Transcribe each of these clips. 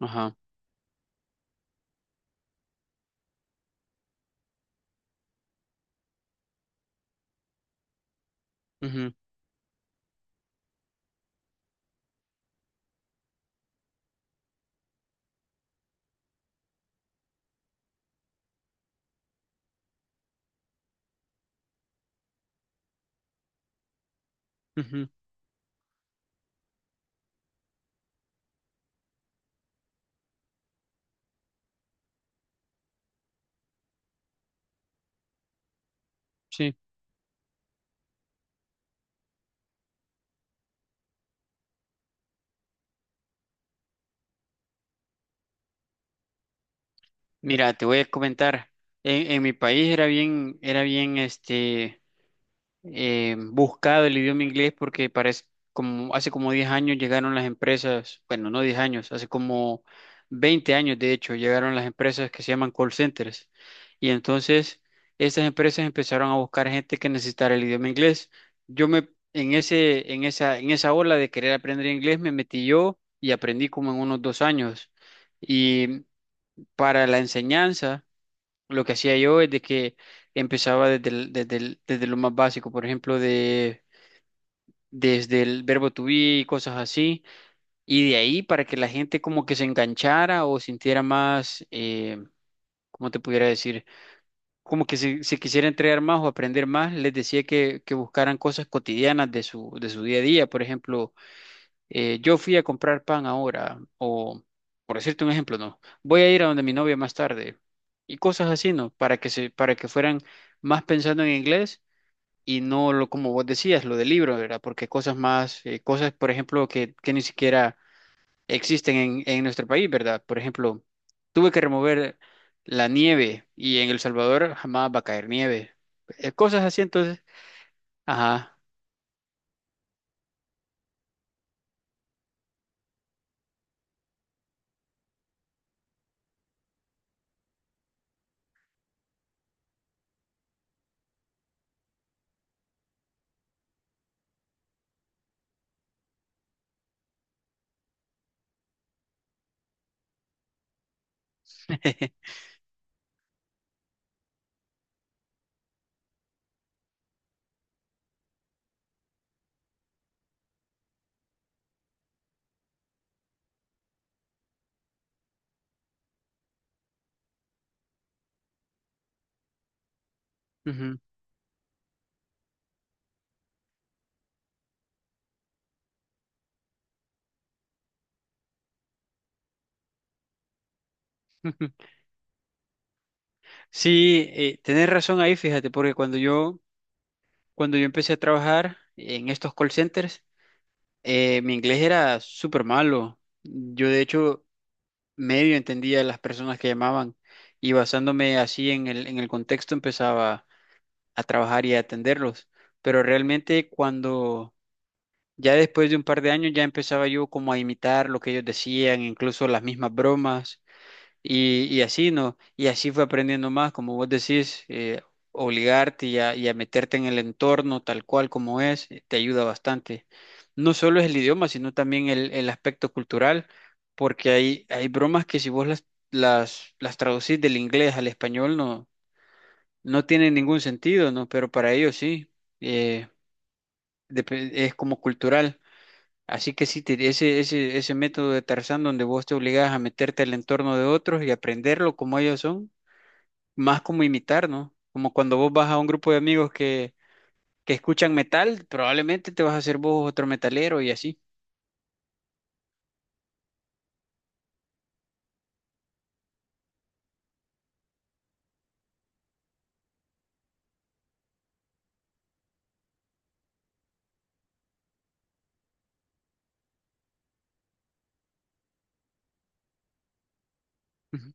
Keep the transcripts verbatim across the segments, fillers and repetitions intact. Ajá. Ujú, ujú, sí. Mira, te voy a comentar. En, en mi país era bien, era bien, este. eh, buscado el idioma inglés porque parece como hace como diez años llegaron las empresas, bueno, no diez años, hace como veinte años de hecho, llegaron las empresas que se llaman call centers. Y entonces estas empresas empezaron a buscar gente que necesitara el idioma inglés. Yo me en ese en esa en esa ola de querer aprender inglés me metí yo y aprendí como en unos dos años. Y para la enseñanza lo que hacía yo es de que empezaba desde, el- desde, el- desde lo más básico, por ejemplo, de, desde el verbo to be y cosas así, y de ahí para que la gente como que se enganchara o sintiera más, eh, ¿cómo te pudiera decir? Como que se, se quisiera entregar más o aprender más, les decía que, que buscaran cosas cotidianas de su, de su día a día, por ejemplo eh, yo fui a comprar pan ahora, o por decirte un ejemplo, no, voy a ir a donde mi novia más tarde, y cosas así, ¿no? Para que se, para que fueran más pensando en inglés y no lo, como vos decías, lo del libro, ¿verdad? Porque cosas más, eh, cosas, por ejemplo, que, que ni siquiera existen en, en nuestro país, ¿verdad? Por ejemplo, tuve que remover la nieve y en El Salvador jamás va a caer nieve. Eh, cosas así, entonces, ajá. Ujú. Sí, eh, tenés razón ahí, fíjate, porque cuando yo, cuando yo empecé a trabajar en estos call centers, eh, mi inglés era súper malo. Yo, de hecho, medio entendía a las personas que llamaban y basándome así en el, en el contexto empezaba a trabajar y a atenderlos. Pero realmente cuando, ya después de un par de años, ya empezaba yo como a imitar lo que ellos decían, incluso las mismas bromas. Y, y así no, y así fue aprendiendo más, como vos decís, eh, obligarte y a, y a meterte en el entorno tal cual como es, eh, te ayuda bastante. No solo es el idioma, sino también el, el aspecto cultural, porque hay, hay bromas que si vos las, las, las traducís del inglés al español no, no tienen ningún sentido, ¿no? Pero para ellos sí, eh, dep- es como cultural. Así que sí, te- ese, ese, ese método de Tarzán donde vos te obligás a meterte al entorno de otros y aprenderlo como ellos son más como imitar, ¿no? Como cuando vos vas a un grupo de amigos que, que escuchan metal, probablemente te vas a hacer vos otro metalero y así. Ujú.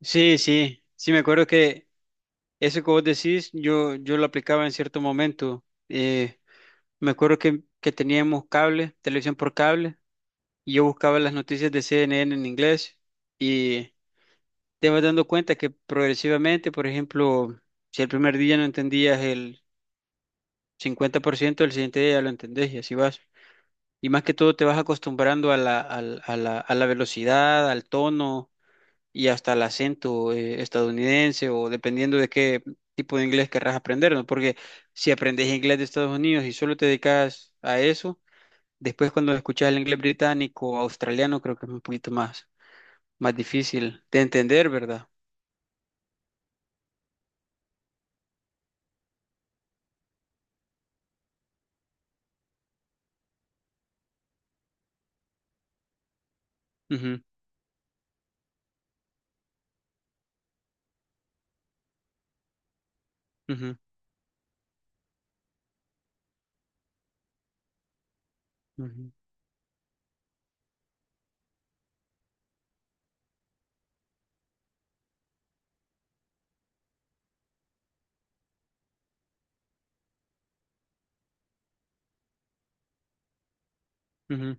Sí, sí, sí, me acuerdo que eso que vos decís, yo, yo lo aplicaba en cierto momento. Eh, me acuerdo que, que teníamos cable, televisión por cable, y yo buscaba las noticias de C N N en inglés y te vas dando cuenta que progresivamente, por ejemplo, si el primer día no entendías el cincuenta por ciento, el siguiente día ya lo entendés y así vas. Y más que todo te vas acostumbrando a la, al- a la, a la velocidad, al tono y hasta al acento eh, estadounidense o dependiendo de qué tipo de inglés querrás aprender, ¿no? Porque si aprendes inglés de Estados Unidos y solo te dedicas a eso, después cuando escuchas el inglés británico o australiano creo que es un poquito más, más difícil de entender, ¿verdad? Ujú, ujú, ujú, ujú,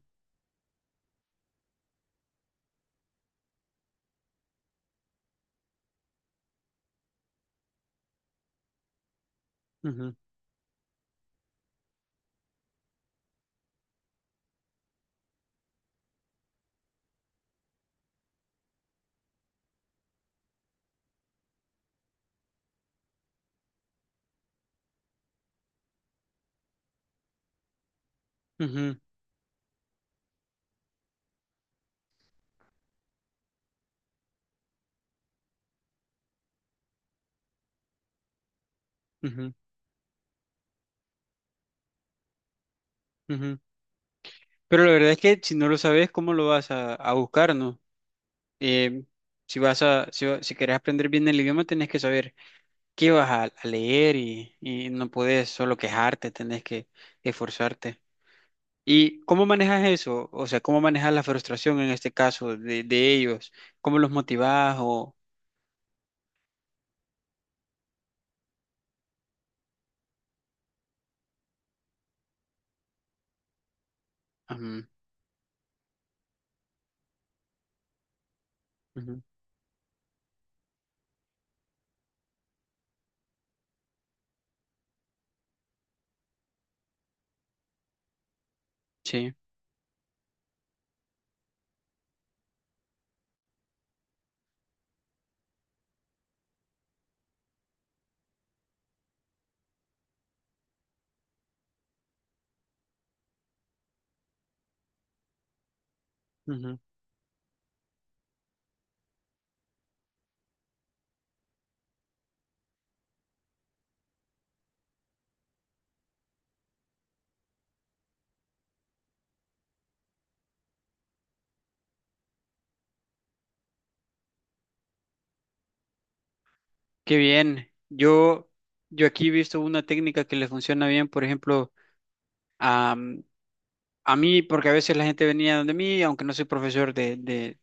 ujú, ujú, ujú, ujú. Pero la verdad es que si no lo sabes, ¿cómo lo vas a, a buscar, no? eh, si vas a, si, si querés aprender bien el idioma, tenés que saber qué vas a, a leer y, y no podés solo quejarte, tenés que esforzarte. ¿Y cómo manejas eso? O sea, ¿cómo manejas la frustración en este caso de, de ellos? ¿Cómo los motivás? O... Ujú, ujú, sí, ujú. Qué bien. Yo, yo aquí he visto una técnica que le funciona bien, por ejemplo, a mí, porque a veces la gente venía donde mí, aunque no soy profesor de, de,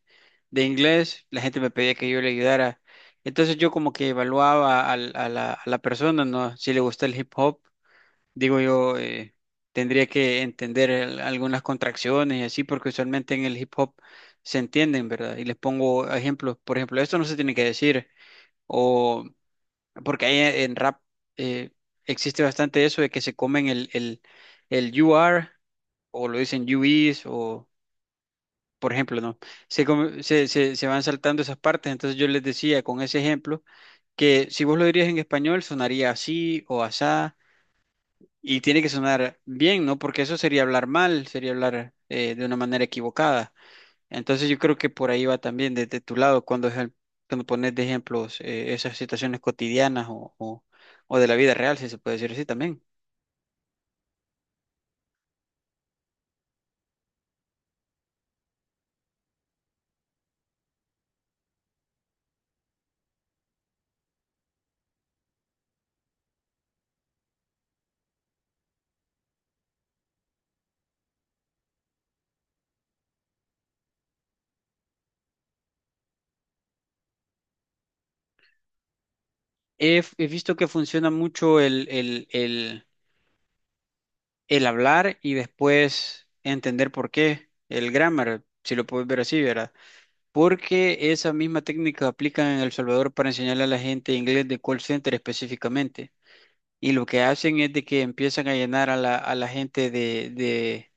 de inglés, la gente me pedía que yo le ayudara. Entonces yo como que evaluaba al- a, la, a la persona, ¿no? Si le gusta el hip hop, digo yo, eh, tendría que entender el- algunas contracciones y así, porque usualmente en el hip hop se entienden, ¿verdad? Y les pongo ejemplos, por ejemplo, esto no se tiene que decir, o porque ahí en rap eh, existe bastante eso de que se comen el, el, el you are, o lo dicen you is, por ejemplo, ¿no? Se, come- se, se, se van saltando esas partes, entonces yo les decía con ese ejemplo que si vos lo dirías en español sonaría así o asá y tiene que sonar bien, ¿no? Porque eso sería hablar mal, sería hablar eh, de una manera equivocada. Entonces yo creo que por ahí va también desde tu lado cuando, ejem- cuando pones de ejemplos eh, esas situaciones cotidianas o, o, o de la vida real, si se puede decir así también. He, he visto que funciona mucho el, el, el el hablar y después entender por qué, el grammar, si lo puedes ver así, ¿verdad? Porque esa misma técnica aplican en El Salvador para enseñarle a la gente inglés de call center específicamente. Y lo que hacen es de que empiezan a llenar a la, a la gente de, de,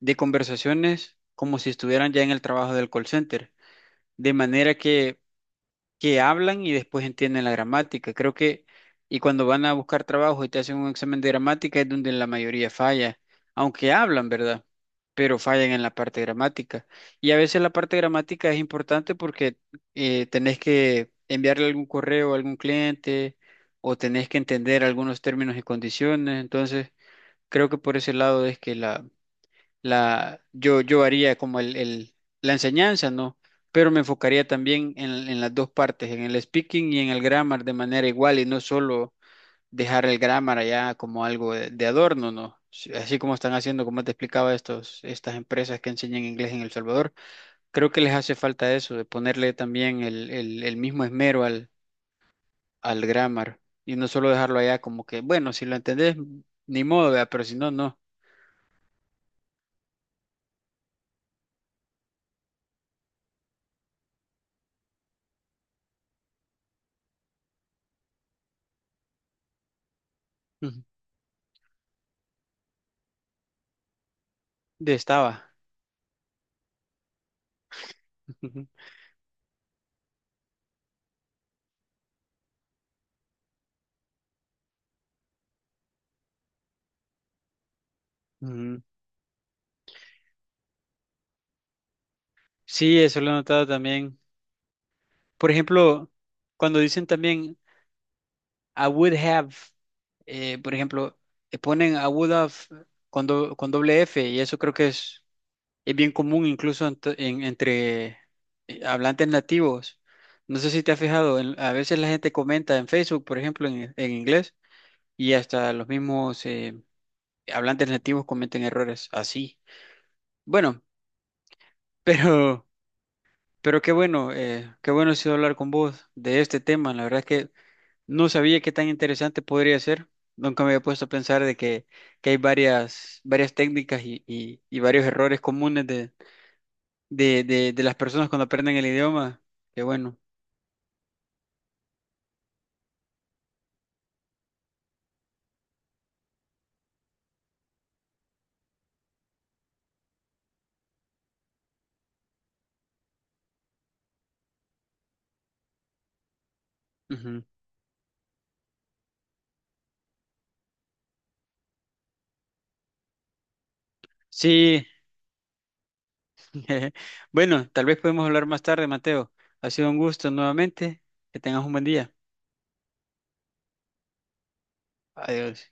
de conversaciones como si estuvieran ya en el trabajo del call center. De manera que que hablan y después entienden la gramática. Creo que, y cuando van a buscar trabajo y te hacen un examen de gramática es donde la mayoría falla, aunque hablan, ¿verdad? Pero fallan en la parte gramática. Y a veces la parte gramática es importante porque eh, tenés que enviarle algún correo a algún cliente o tenés que entender algunos términos y condiciones. Entonces, creo que por ese lado es que la, la, yo, yo haría como el, el- la enseñanza, ¿no? Pero me enfocaría también en, en las dos partes, en el speaking y en el grammar de manera igual y no solo dejar el grammar allá como algo de, de adorno, ¿no? Si- Así como están haciendo, como te explicaba, estos, estas empresas que enseñan inglés en El Salvador, creo que les hace falta eso, de ponerle también el, el, el mismo esmero al, al grammar y no solo dejarlo allá como que, bueno, si lo entendés, ni modo, ¿verdad? Pero si no, no. Ujú. De estaba. Ujú. Ujú. Sí, eso lo he notado también. Por ejemplo, cuando dicen también I would have, eh, por ejemplo, eh, ponen I would have con, do- con doble F y eso creo que es, es bien común incluso ent- en- entre eh, hablantes nativos. No sé si te has fijado, en- a veces la gente comenta en Facebook, por ejemplo, en, en inglés y hasta los mismos eh, hablantes nativos cometen errores así. Bueno, pero, pero qué bueno, eh, qué bueno ha sido hablar con vos de este tema. La verdad es que no sabía qué tan interesante podría ser. Nunca me había puesto a pensar de que, que hay varias, varias técnicas y, y- y varios errores comunes de, de, de- de las personas cuando aprenden el idioma. Qué bueno. Ujú. Sí, bueno, tal vez podemos hablar más tarde, Mateo. Ha sido un gusto nuevamente. Que tengas un buen día. Adiós.